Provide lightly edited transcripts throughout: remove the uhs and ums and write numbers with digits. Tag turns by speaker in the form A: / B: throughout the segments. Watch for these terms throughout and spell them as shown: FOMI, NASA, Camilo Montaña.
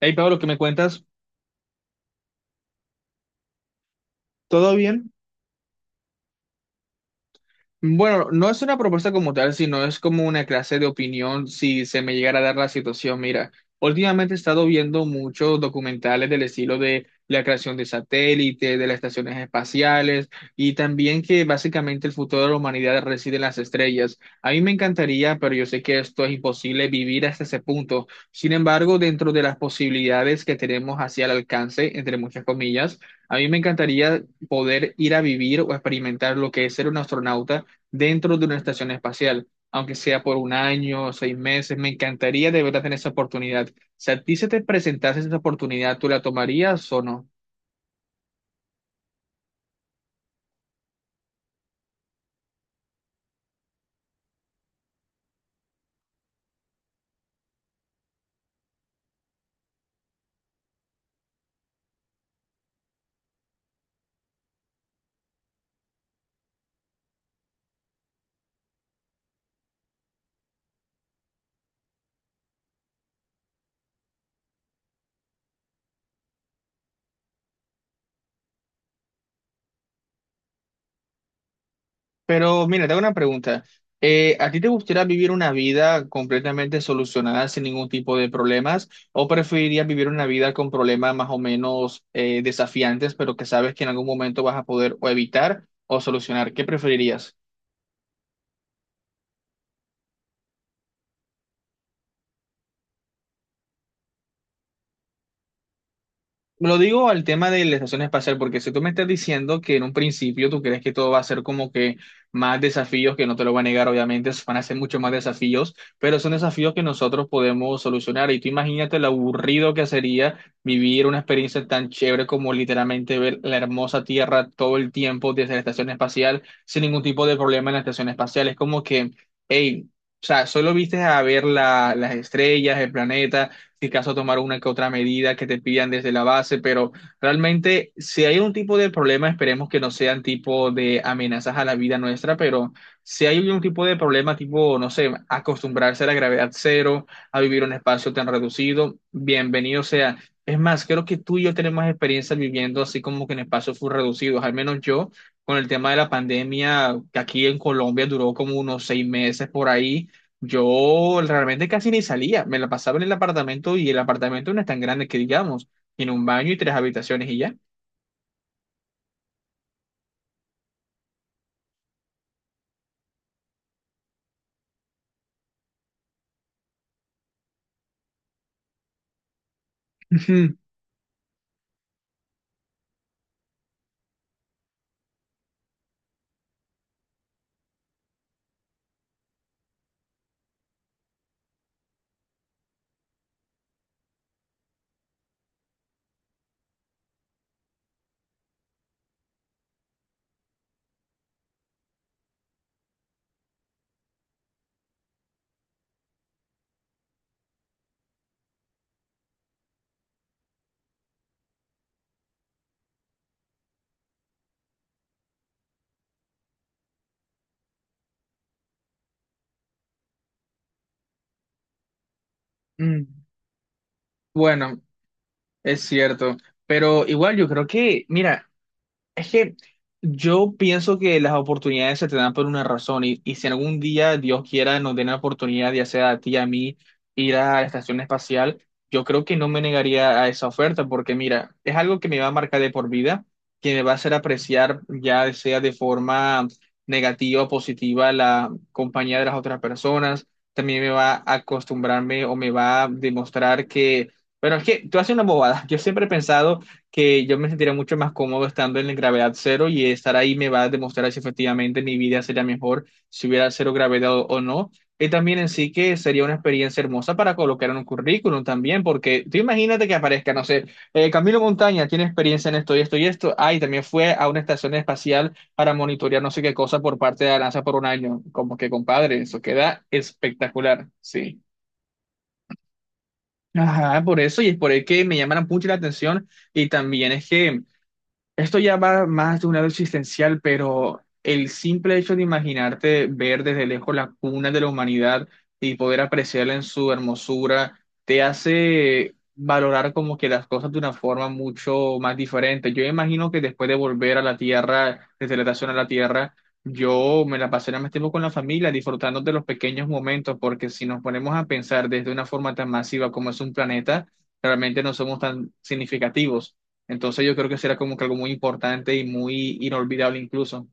A: Hey Pablo, ¿qué me cuentas? ¿Todo bien? Bueno, no es una propuesta como tal, sino es como una clase de opinión si se me llegara a dar la situación. Mira, últimamente he estado viendo muchos documentales del estilo de la creación de satélites, de las estaciones espaciales y también que básicamente el futuro de la humanidad reside en las estrellas. A mí me encantaría, pero yo sé que esto es imposible vivir hasta ese punto. Sin embargo, dentro de las posibilidades que tenemos hacia el alcance, entre muchas comillas, a mí me encantaría poder ir a vivir o experimentar lo que es ser un astronauta dentro de una estación espacial, aunque sea por un año o 6 meses. Me encantaría de verdad tener esa oportunidad. Si a ti se te presentase esa oportunidad, ¿tú la tomarías o no? Pero mira, te hago una pregunta. ¿A ti te gustaría vivir una vida completamente solucionada sin ningún tipo de problemas? ¿O preferirías vivir una vida con problemas más o menos desafiantes, pero que sabes que en algún momento vas a poder o evitar o solucionar? ¿Qué preferirías? Lo digo al tema de la estación espacial, porque si tú me estás diciendo que en un principio tú crees que todo va a ser como que más desafíos, que no te lo voy a negar, obviamente, van a ser mucho más desafíos, pero son desafíos que nosotros podemos solucionar. Y tú imagínate lo aburrido que sería vivir una experiencia tan chévere como literalmente ver la hermosa Tierra todo el tiempo desde la estación espacial, sin ningún tipo de problema en la estación espacial. Es como que, hey, o sea, solo viste a ver las estrellas, el planeta si caso tomar una que otra medida que te pidan desde la base, pero realmente si hay un tipo de problema, esperemos que no sean tipo de amenazas a la vida nuestra, pero si hay un tipo de problema tipo, no sé, acostumbrarse a la gravedad cero, a vivir un espacio tan reducido, bienvenido sea. Es más, creo que tú y yo tenemos experiencia viviendo así como que en espacios full reducidos, al menos yo con el tema de la pandemia, que aquí en Colombia duró como unos 6 meses por ahí, yo realmente casi ni salía, me la pasaba en el apartamento y el apartamento no es tan grande que digamos, tiene un baño y tres habitaciones y ya. Ujú. Mm. Bueno, es cierto, pero igual yo creo que, mira, es que yo pienso que las oportunidades se te dan por una razón y si algún día Dios quiera nos den la oportunidad, ya sea a ti, a mí, ir a la estación espacial, yo creo que no me negaría a esa oferta porque mira, es algo que me va a marcar de por vida, que me va a hacer apreciar ya sea de forma negativa o positiva la compañía de las otras personas, también me va a acostumbrarme o me va a demostrar que, bueno, es que tú haces una bobada, yo siempre he pensado que yo me sentiría mucho más cómodo estando en gravedad cero y estar ahí me va a demostrar si efectivamente mi vida sería mejor si hubiera cero gravedad o no. Y también en sí que sería una experiencia hermosa para colocar en un currículum también, porque tú imagínate que aparezca, no sé, Camilo Montaña tiene experiencia en esto y esto y esto, ah, y también fue a una estación espacial para monitorear no sé qué cosa por parte de la NASA por un año. Como que, compadre, eso queda espectacular, sí. Ajá, por eso, y es por el que me llamaron mucho la atención, y también es que esto ya va más de un lado existencial, pero el simple hecho de imaginarte ver desde lejos la cuna de la humanidad y poder apreciarla en su hermosura, te hace valorar como que las cosas de una forma mucho más diferente. Yo imagino que después de volver a la Tierra, desde la estación a la Tierra, yo me la pasaré más tiempo con la familia, disfrutando de los pequeños momentos, porque si nos ponemos a pensar desde una forma tan masiva como es un planeta, realmente no somos tan significativos. Entonces yo creo que será como que algo muy importante y muy inolvidable incluso.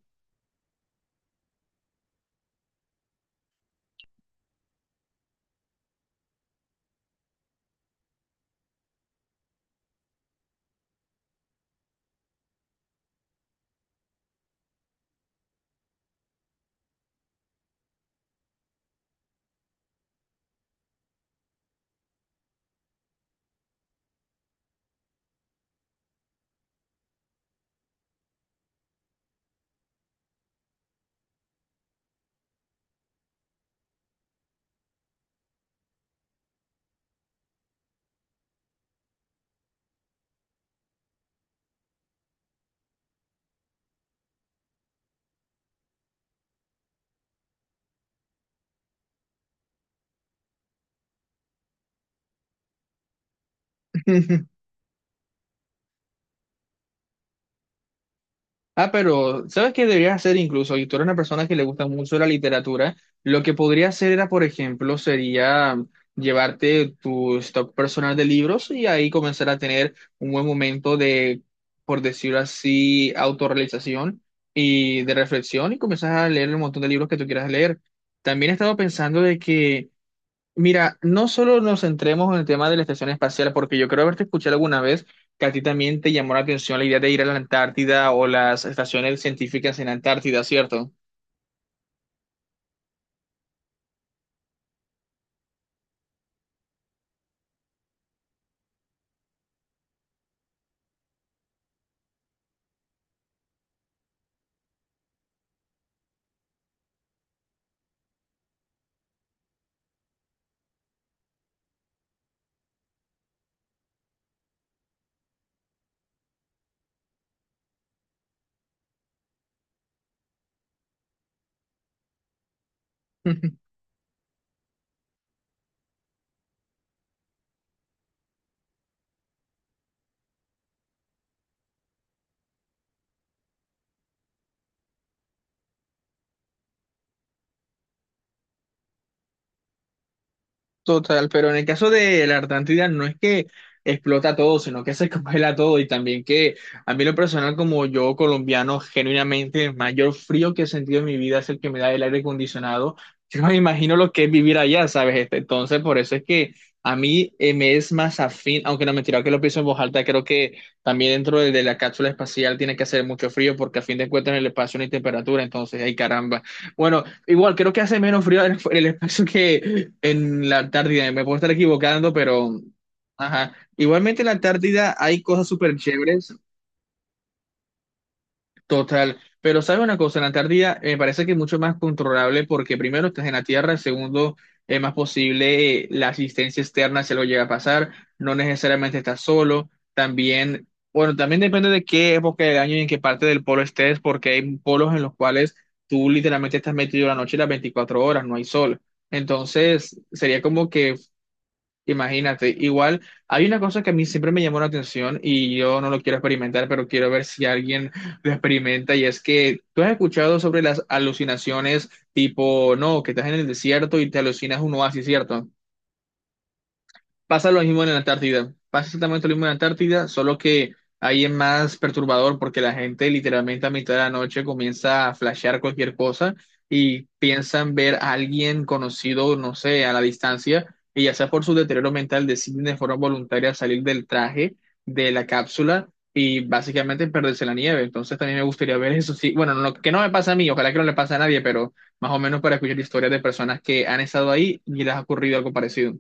A: Ah, pero ¿sabes qué deberías hacer incluso? Y tú eres una persona que le gusta mucho la literatura, lo que podría hacer era, por ejemplo, sería llevarte tu stock personal de libros y ahí comenzar a tener un buen momento de, por decirlo así, autorrealización y de reflexión y comenzar a leer el montón de libros que tú quieras leer. También he estado pensando de que mira, no solo nos centremos en el tema de la estación espacial, porque yo creo haberte escuchado alguna vez que a ti también te llamó la atención la idea de ir a la Antártida o las estaciones científicas en Antártida, ¿cierto? Total, pero en el caso de la Antártida no es que explota todo, sino que se congela todo y también que a mí lo personal como yo colombiano, genuinamente el mayor frío que he sentido en mi vida es el que me da el aire acondicionado. Yo no me imagino lo que es vivir allá, ¿sabes? Entonces, por eso es que a mí me es más afín, aunque no mentira que lo pienso en voz alta, creo que también dentro de la cápsula espacial tiene que hacer mucho frío porque a fin de cuentas en el espacio no hay temperatura, entonces, ay caramba. Bueno, igual creo que hace menos frío en el espacio que en la Antártida. Me puedo estar equivocando, pero ajá. Igualmente en la Antártida hay cosas súper chéveres. Total, pero sabes una cosa, la Antártida me parece que es mucho más controlable porque primero estás en la Tierra, segundo es más posible la asistencia externa si algo llega a pasar, no necesariamente estás solo, también, bueno, también depende de qué época del año y en qué parte del polo estés, porque hay polos en los cuales tú literalmente estás metido la noche y las 24 horas, no hay sol. Entonces, sería como que imagínate, igual hay una cosa que a mí siempre me llamó la atención y yo no lo quiero experimentar, pero quiero ver si alguien lo experimenta y es que tú has escuchado sobre las alucinaciones tipo, no, que estás en el desierto y te alucinas un oasis, ¿cierto? Pasa lo mismo en la Antártida. Pasa exactamente lo mismo en la Antártida, solo que ahí es más perturbador porque la gente literalmente a mitad de la noche comienza a flashear cualquier cosa y piensan ver a alguien conocido, no sé, a la distancia, y ya sea por su deterioro mental deciden de forma voluntaria salir del traje, de la cápsula y básicamente perderse en la nieve. Entonces también me gustaría ver eso. Sí, bueno, no, que no me pasa a mí, ojalá que no le pase a nadie, pero más o menos para escuchar historias de personas que han estado ahí y les ha ocurrido algo parecido.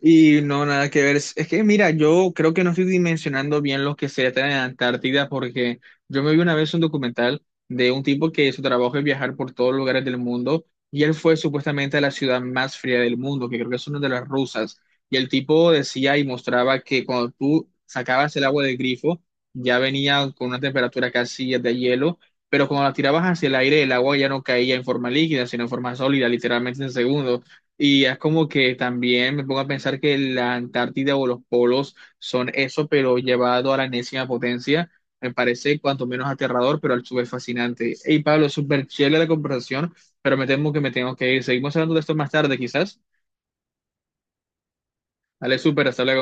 A: Y no, nada que ver. Es que, mira, yo creo que no estoy dimensionando bien lo que se trata en Antártida porque yo me vi una vez un documental de un tipo que su trabajo es viajar por todos los lugares del mundo y él fue supuestamente a la ciudad más fría del mundo, que creo que es una de las rusas. Y el tipo decía y mostraba que cuando tú sacabas el agua del grifo ya venía con una temperatura casi de hielo, pero cuando la tirabas hacia el aire el agua ya no caía en forma líquida, sino en forma sólida, literalmente en segundos. Y es como que también me pongo a pensar que la Antártida o los polos son eso, pero llevado a la enésima potencia. Me parece cuanto menos aterrador, pero al su vez fascinante. Hey, Pablo, súper chévere la conversación, pero me temo que me tengo que ir. Seguimos hablando de esto más tarde, quizás. Dale, súper, hasta luego.